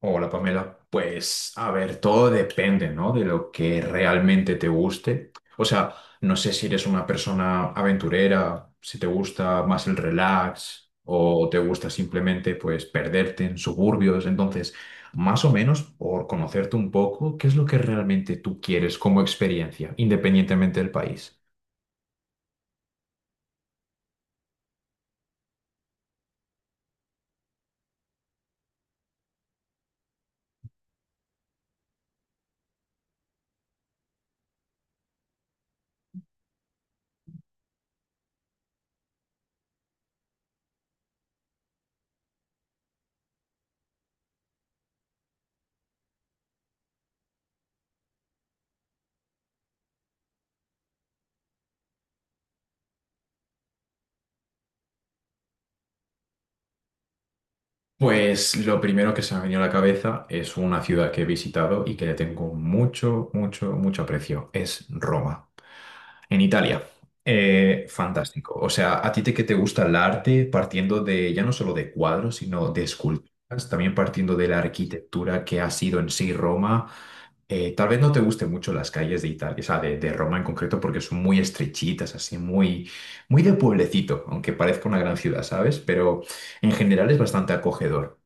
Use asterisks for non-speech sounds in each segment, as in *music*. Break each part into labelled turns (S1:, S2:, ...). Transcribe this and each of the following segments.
S1: Hola Pamela, pues a ver, todo depende, ¿no? De lo que realmente te guste. O sea, no sé si eres una persona aventurera, si te gusta más el relax o te gusta simplemente pues perderte en suburbios. Entonces, más o menos por conocerte un poco, ¿qué es lo que realmente tú quieres como experiencia, independientemente del país? Pues lo primero que se me ha venido a la cabeza es una ciudad que he visitado y que le tengo mucho, mucho, mucho aprecio. Es Roma. En Italia. Fantástico. O sea, a ti te, que te gusta el arte, partiendo de ya no solo de cuadros, sino de esculturas, también partiendo de la arquitectura que ha sido en sí Roma. Tal vez no te gusten mucho las calles de Italia, o sea, de Roma en concreto, porque son muy estrechitas, así muy, muy de pueblecito, aunque parezca una gran ciudad, ¿sabes? Pero en general es bastante acogedor.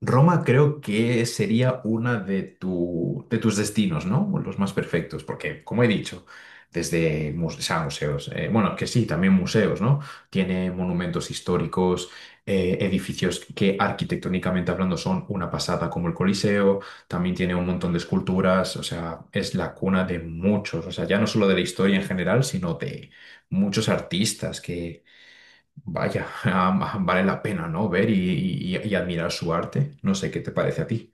S1: Roma creo que sería una de, de tus destinos, ¿no? Los más perfectos, porque, como he dicho, desde o sea, museos, bueno, que sí, también museos, ¿no? Tiene monumentos históricos, edificios que arquitectónicamente hablando son una pasada, como el Coliseo, también tiene un montón de esculturas, o sea, es la cuna de muchos, o sea, ya no solo de la historia en general, sino de muchos artistas que vaya, *laughs* vale la pena, ¿no? Ver y, y admirar su arte. No sé qué te parece a ti.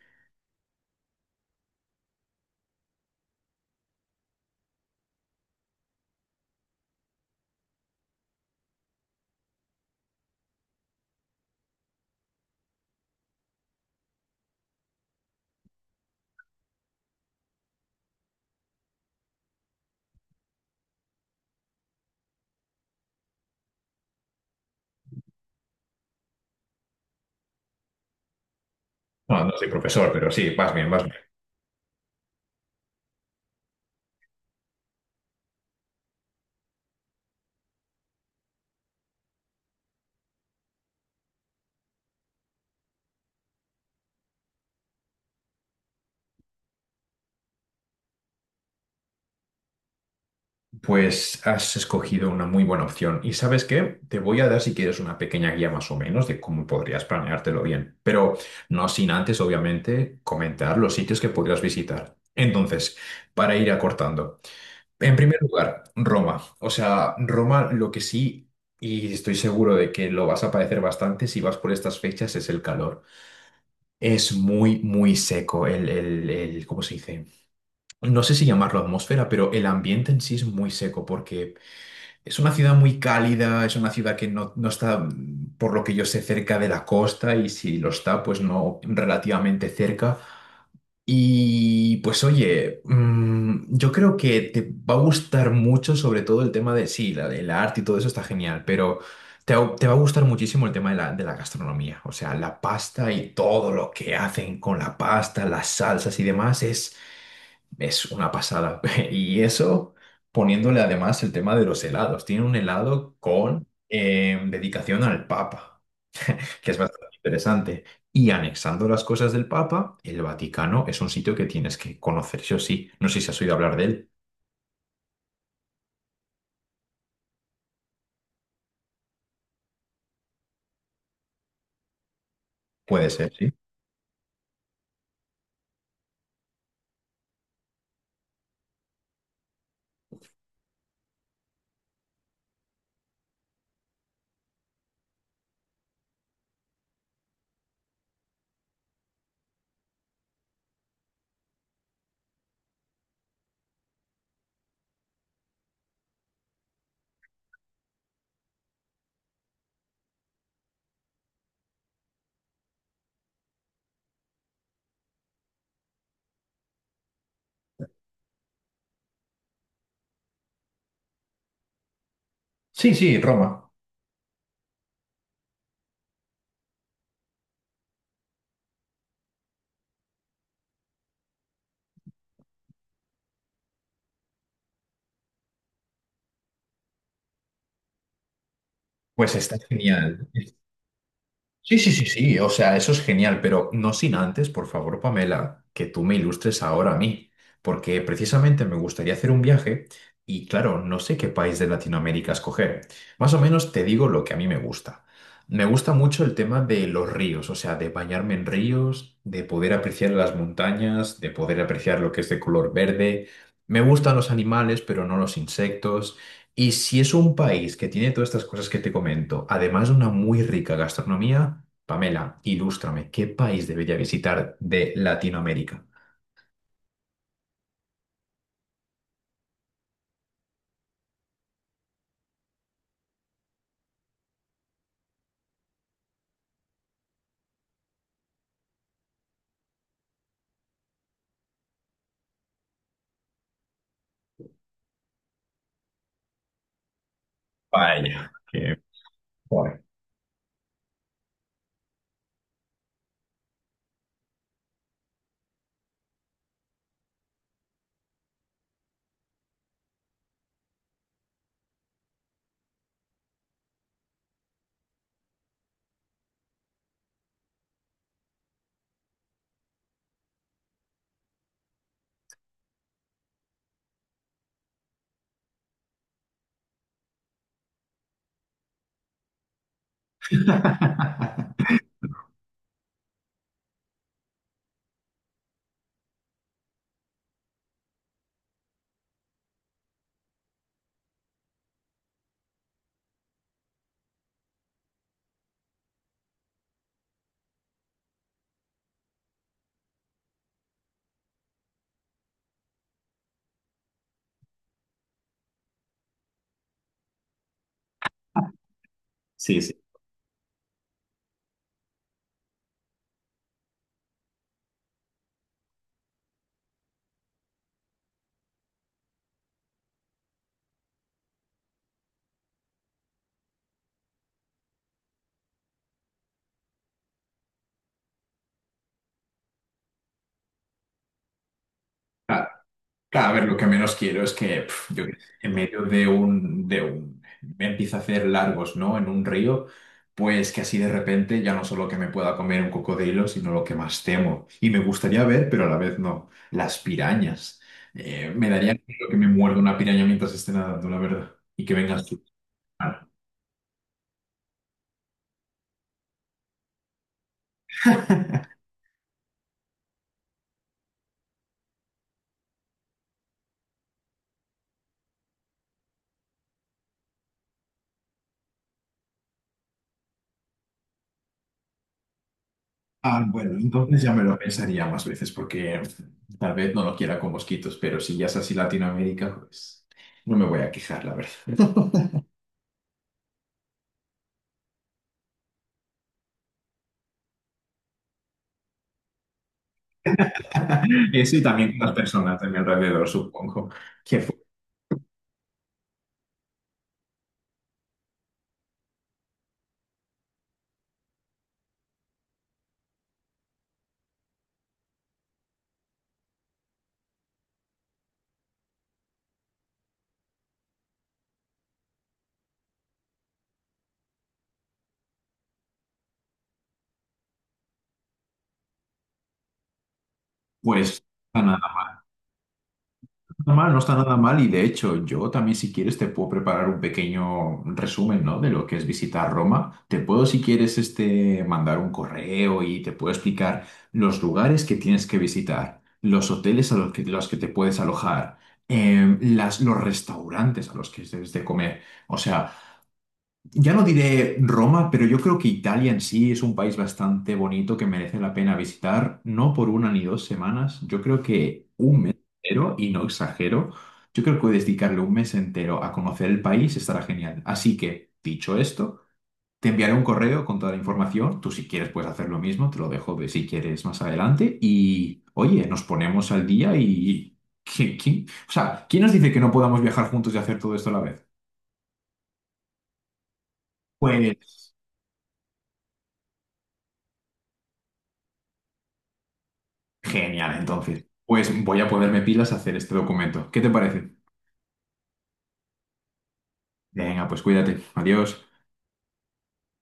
S1: Bueno, no soy profesor, pero sí, vas bien, vas bien. Pues has escogido una muy buena opción. ¿Y sabes qué? Te voy a dar, si quieres, una pequeña guía más o menos de cómo podrías planeártelo bien. Pero no sin antes, obviamente, comentar los sitios que podrías visitar. Entonces, para ir acortando. En primer lugar, Roma. O sea, Roma lo que sí, y estoy seguro de que lo vas a padecer bastante si vas por estas fechas, es el calor. Es muy, muy seco ¿cómo se dice? No sé si llamarlo atmósfera, pero el ambiente en sí es muy seco porque es una ciudad muy cálida, es una ciudad que no, no está, por lo que yo sé, cerca de la costa y si lo está, pues no relativamente cerca. Y pues oye, yo creo que te va a gustar mucho, sobre todo el tema de, sí, la, el arte y todo eso está genial, pero te va a gustar muchísimo el tema de de la gastronomía, o sea, la pasta y todo lo que hacen con la pasta, las salsas y demás es una pasada. *laughs* Y eso poniéndole además el tema de los helados. Tiene un helado con dedicación al Papa que es bastante interesante. Y anexando las cosas del Papa, el Vaticano es un sitio que tienes que conocer, sí o sí. No sé si has oído hablar de él. Puede ser, sí. Sí, sí, Roma. Pues está genial. Sí, sí, sí, sí, o sea, eso es genial, pero no sin antes, por favor, Pamela, que tú me ilustres ahora a mí, porque precisamente me gustaría hacer un viaje y claro, no sé qué país de Latinoamérica escoger. Más o menos te digo lo que a mí me gusta. Me gusta mucho el tema de los ríos, o sea, de bañarme en ríos, de poder apreciar las montañas, de poder apreciar lo que es de color verde. Me gustan los animales, pero no los insectos. Y si es un país que tiene todas estas cosas que te comento, además de una muy rica gastronomía, Pamela, ilústrame, ¿qué país debería visitar de Latinoamérica? Vaya, que- Joder. Sí, sí. Claro, a ver, lo que menos quiero es que pf, yo qué sé, en medio de un, me empieza a hacer largos, ¿no? En un río, pues que así de repente ya no solo que me pueda comer un cocodrilo, sino lo que más temo. Y me gustaría ver, pero a la vez no, las pirañas. Me daría miedo que me muerda una piraña mientras esté nadando, la verdad, y que vengas tú. Ah, *laughs* ah, bueno, entonces ya me lo pensaría más veces, porque pf, tal vez no lo quiera con mosquitos, pero si ya es así Latinoamérica, pues no me voy a quejar, la verdad. *laughs* Eso y también con las personas de mi alrededor, supongo. Que fu- pues no está nada mal, no está nada mal. Y de hecho, yo también, si quieres, te puedo preparar un pequeño resumen, ¿no? De lo que es visitar Roma. Te puedo, si quieres, este, mandar un correo y te puedo explicar los lugares que tienes que visitar, los hoteles a los que te puedes alojar, las, los restaurantes a los que debes de comer. O sea. Ya no diré Roma, pero yo creo que Italia en sí es un país bastante bonito que merece la pena visitar, no por una ni dos semanas, yo creo que un mes entero, y no exagero, yo creo que puedes dedicarle un mes entero a conocer el país, estará genial. Así que, dicho esto, te enviaré un correo con toda la información, tú si quieres puedes hacer lo mismo, te lo dejo de si quieres más adelante, y oye, nos ponemos al día y... O sea, ¿quién nos dice que no podamos viajar juntos y hacer todo esto a la vez? Pues... Genial, entonces. Pues voy a ponerme pilas a hacer este documento. ¿Qué te parece? Venga, pues cuídate. Adiós.